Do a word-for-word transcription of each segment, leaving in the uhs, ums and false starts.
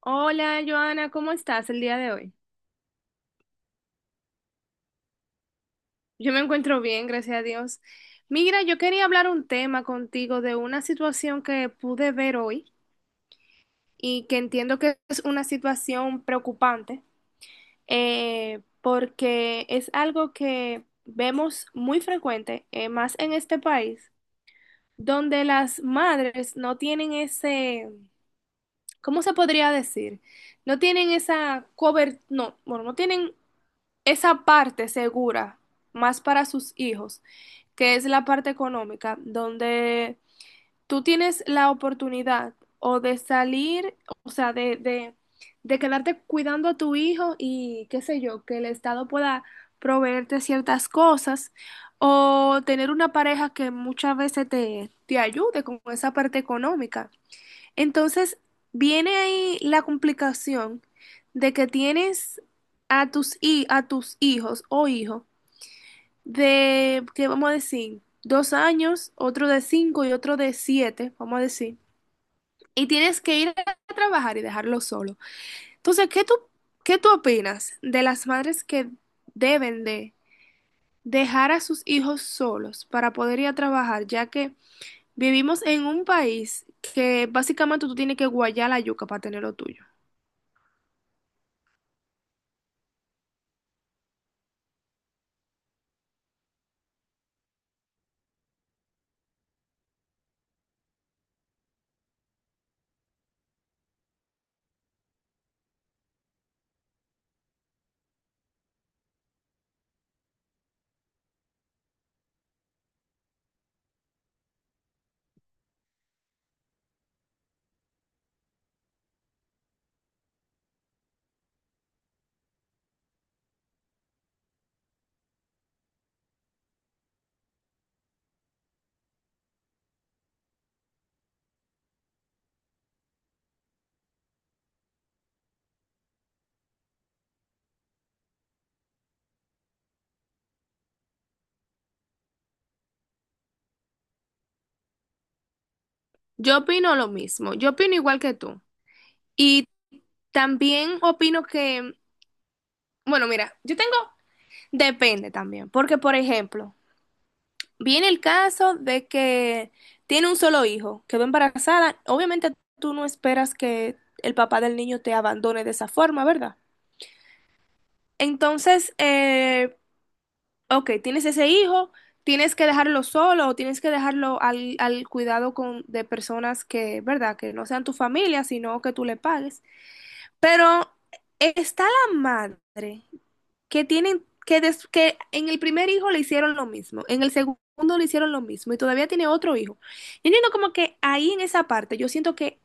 Hola, Joana, ¿cómo estás el día de hoy? Yo me encuentro bien, gracias a Dios. Mira, yo quería hablar un tema contigo de una situación que pude ver hoy y que entiendo que es una situación preocupante, eh, porque es algo que vemos muy frecuente, eh, más en este país, donde las madres no tienen ese, ¿cómo se podría decir? No tienen esa cobertura, no, bueno, no tienen esa parte segura, más para sus hijos, que es la parte económica, donde tú tienes la oportunidad o de salir, o sea, de, de, de quedarte cuidando a tu hijo y qué sé yo, que el Estado pueda proveerte ciertas cosas o tener una pareja que muchas veces te, te ayude con esa parte económica. Entonces, viene ahí la complicación de que tienes a tus, hi- a tus hijos o hijo de, ¿qué vamos a decir? Dos años, otro de cinco y otro de siete, vamos a decir. Y tienes que ir a trabajar y dejarlo solo. Entonces, ¿qué tú, qué tú opinas de las madres que deben de dejar a sus hijos solos para poder ir a trabajar, ya que vivimos en un país que básicamente tú tienes que guayar la yuca para tener lo tuyo? Yo opino lo mismo, yo opino igual que tú. Y también opino que, bueno, mira, yo tengo, depende también, porque por ejemplo, viene el caso de que tiene un solo hijo, quedó embarazada, obviamente tú no esperas que el papá del niño te abandone de esa forma, ¿verdad? Entonces, eh, ok, tienes ese hijo, tienes que dejarlo solo o tienes que dejarlo al, al cuidado con, de personas que, ¿verdad? Que no sean tu familia, sino que tú le pagues. Pero está la madre que tienen que, des- que en el primer hijo le hicieron lo mismo, en el segundo le hicieron lo mismo y todavía tiene otro hijo. Yo entiendo como que ahí en esa parte yo siento que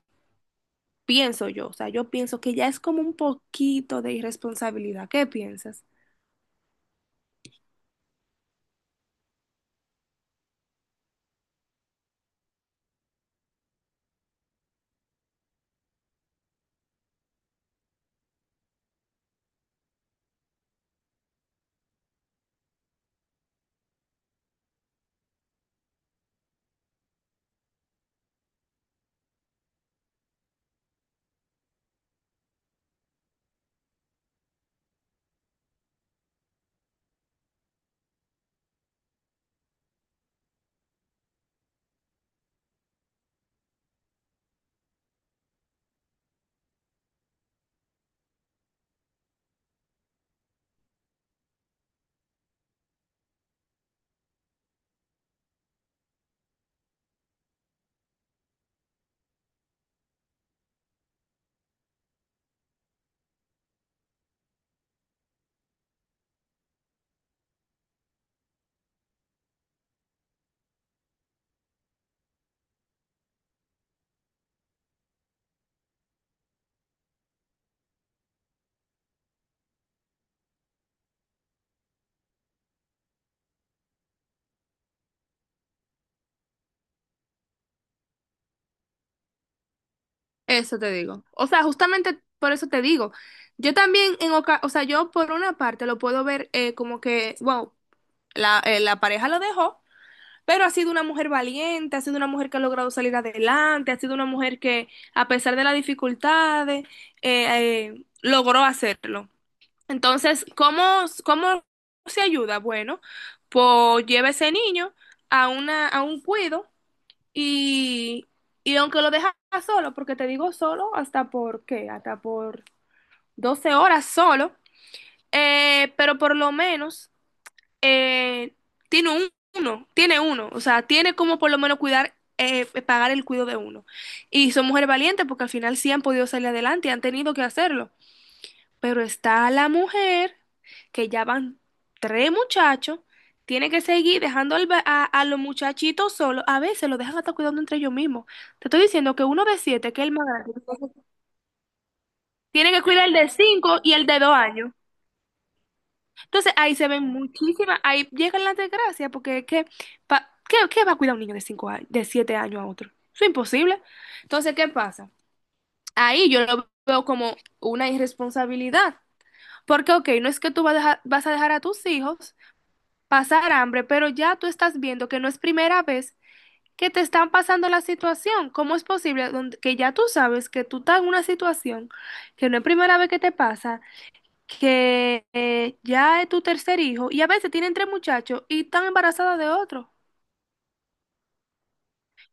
pienso yo, o sea, yo pienso que ya es como un poquito de irresponsabilidad. ¿Qué piensas? Eso te digo. O sea, justamente por eso te digo. Yo también en oca- o sea, yo por una parte lo puedo ver eh, como que, wow, la, eh, la pareja lo dejó. Pero ha sido una mujer valiente, ha sido una mujer que ha logrado salir adelante, ha sido una mujer que, a pesar de las dificultades, eh, eh, logró hacerlo. Entonces, ¿cómo, cómo se ayuda? Bueno, pues lleva ese niño a una, a un cuido y, y aunque lo deja solo, porque te digo solo, hasta por qué, hasta por doce horas solo, eh, pero por lo menos eh, tiene un- uno, tiene uno, o sea, tiene como por lo menos cuidar, eh, eh, pagar el cuidado de uno. Y son mujeres valientes porque al final sí han podido salir adelante y han tenido que hacerlo. Pero está la mujer que ya van tres muchachos, tiene que seguir dejando al ba- a, a los muchachitos solos, a veces los dejan hasta cuidando entre ellos mismos. Te estoy diciendo que uno de siete, que es el más grande, tiene que cuidar el de cinco y el de dos años. Entonces ahí se ven muchísimas, ahí llegan las desgracias, porque es que, pa- ¿qué, qué va a cuidar un niño de cinco años, de siete años a otro? Eso es imposible. Entonces, ¿qué pasa? Ahí yo lo veo como una irresponsabilidad, porque, ok, no es que tú vas a dejar, vas a dejar a tus hijos pasar hambre, pero ya tú estás viendo que no es primera vez que te están pasando la situación. ¿Cómo es posible donde- que ya tú sabes que tú estás en una situación que no es primera vez que te pasa? Que eh, ya es tu tercer hijo y a veces tienen tres muchachos y están embarazadas de otro.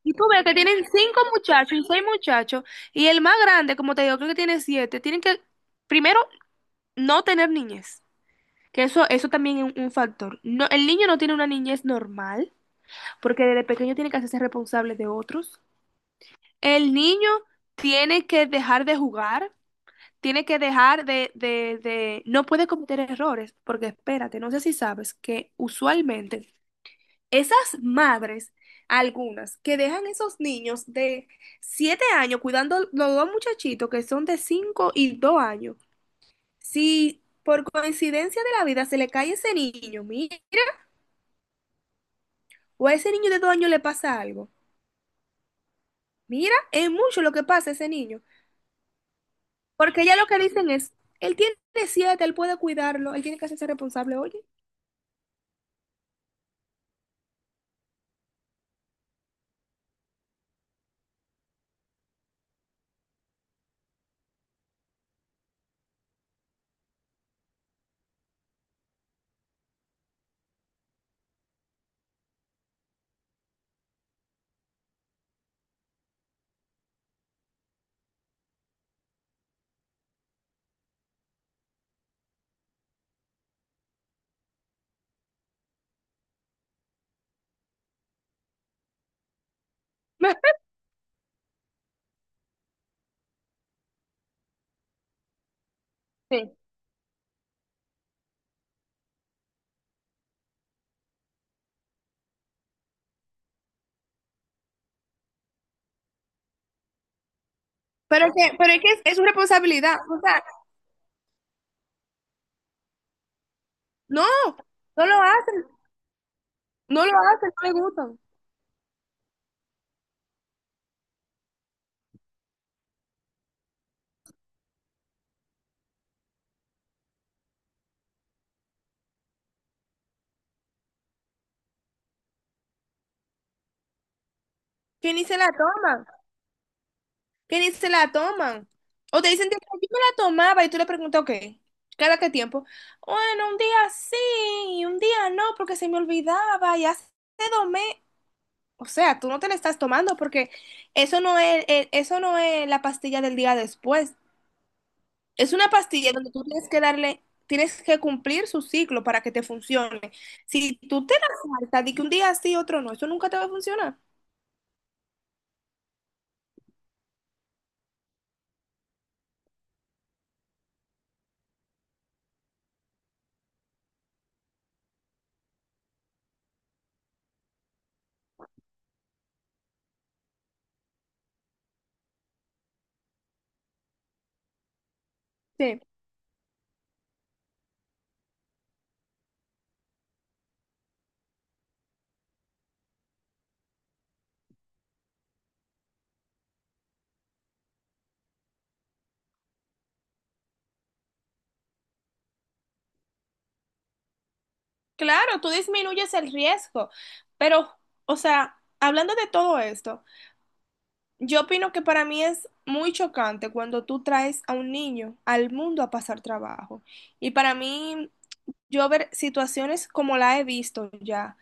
Y tú ves que tienen cinco muchachos y seis muchachos y el más grande, como te digo, creo que tiene siete. Tienen que, primero, no tener niñez, que eso, eso también es un, un factor. No, el niño no tiene una niñez normal porque desde pequeño tiene que hacerse responsable de otros. El niño tiene que dejar de jugar. Tiene que dejar de, de, de, no puede cometer errores, porque espérate, no sé si sabes que usualmente esas madres, algunas, que dejan esos niños de siete años cuidando los dos muchachitos que son de cinco y dos años. Si por coincidencia de la vida se le cae ese niño, mira, o a ese niño de dos años le pasa algo. Mira, es mucho lo que pasa a ese niño. Porque ya lo que dicen es, él tiene siete él puede cuidarlo, él tiene que hacerse responsable, oye. Sí. Pero es que, pero es que es, es su responsabilidad. O sea, no, no lo hacen, no lo hacen, no le gusta. Que ni se la toman, que ni se la toman. O te dicen, "Tía, yo me la tomaba y tú le preguntas, ok, ¿cada qué tiempo? Bueno, un día sí, y un día no, porque se me olvidaba y hace dos meses. O sea, tú no te la estás tomando porque eso no es, eh, eso no es la pastilla del día después. Es una pastilla donde tú tienes que darle, tienes que cumplir su ciclo para que te funcione. Si tú te la saltas de que un día sí, otro no, eso nunca te va a funcionar. Sí. Claro, tú disminuyes el riesgo, pero, o sea, hablando de todo esto, yo opino que para mí es muy chocante cuando tú traes a un niño al mundo a pasar trabajo. Y para mí, yo ver situaciones como la he visto ya,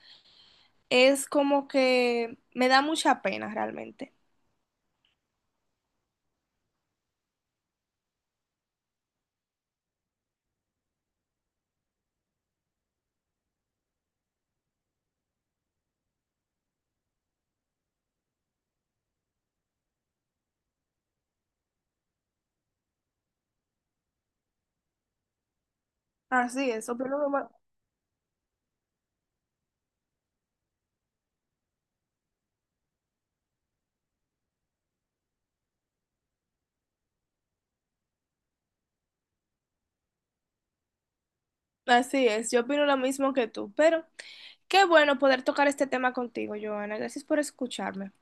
es como que me da mucha pena realmente. Así es, opino lo ma- así es, yo opino lo mismo que tú, pero qué bueno poder tocar este tema contigo, Joana. Gracias por escucharme.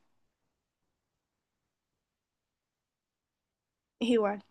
Igual.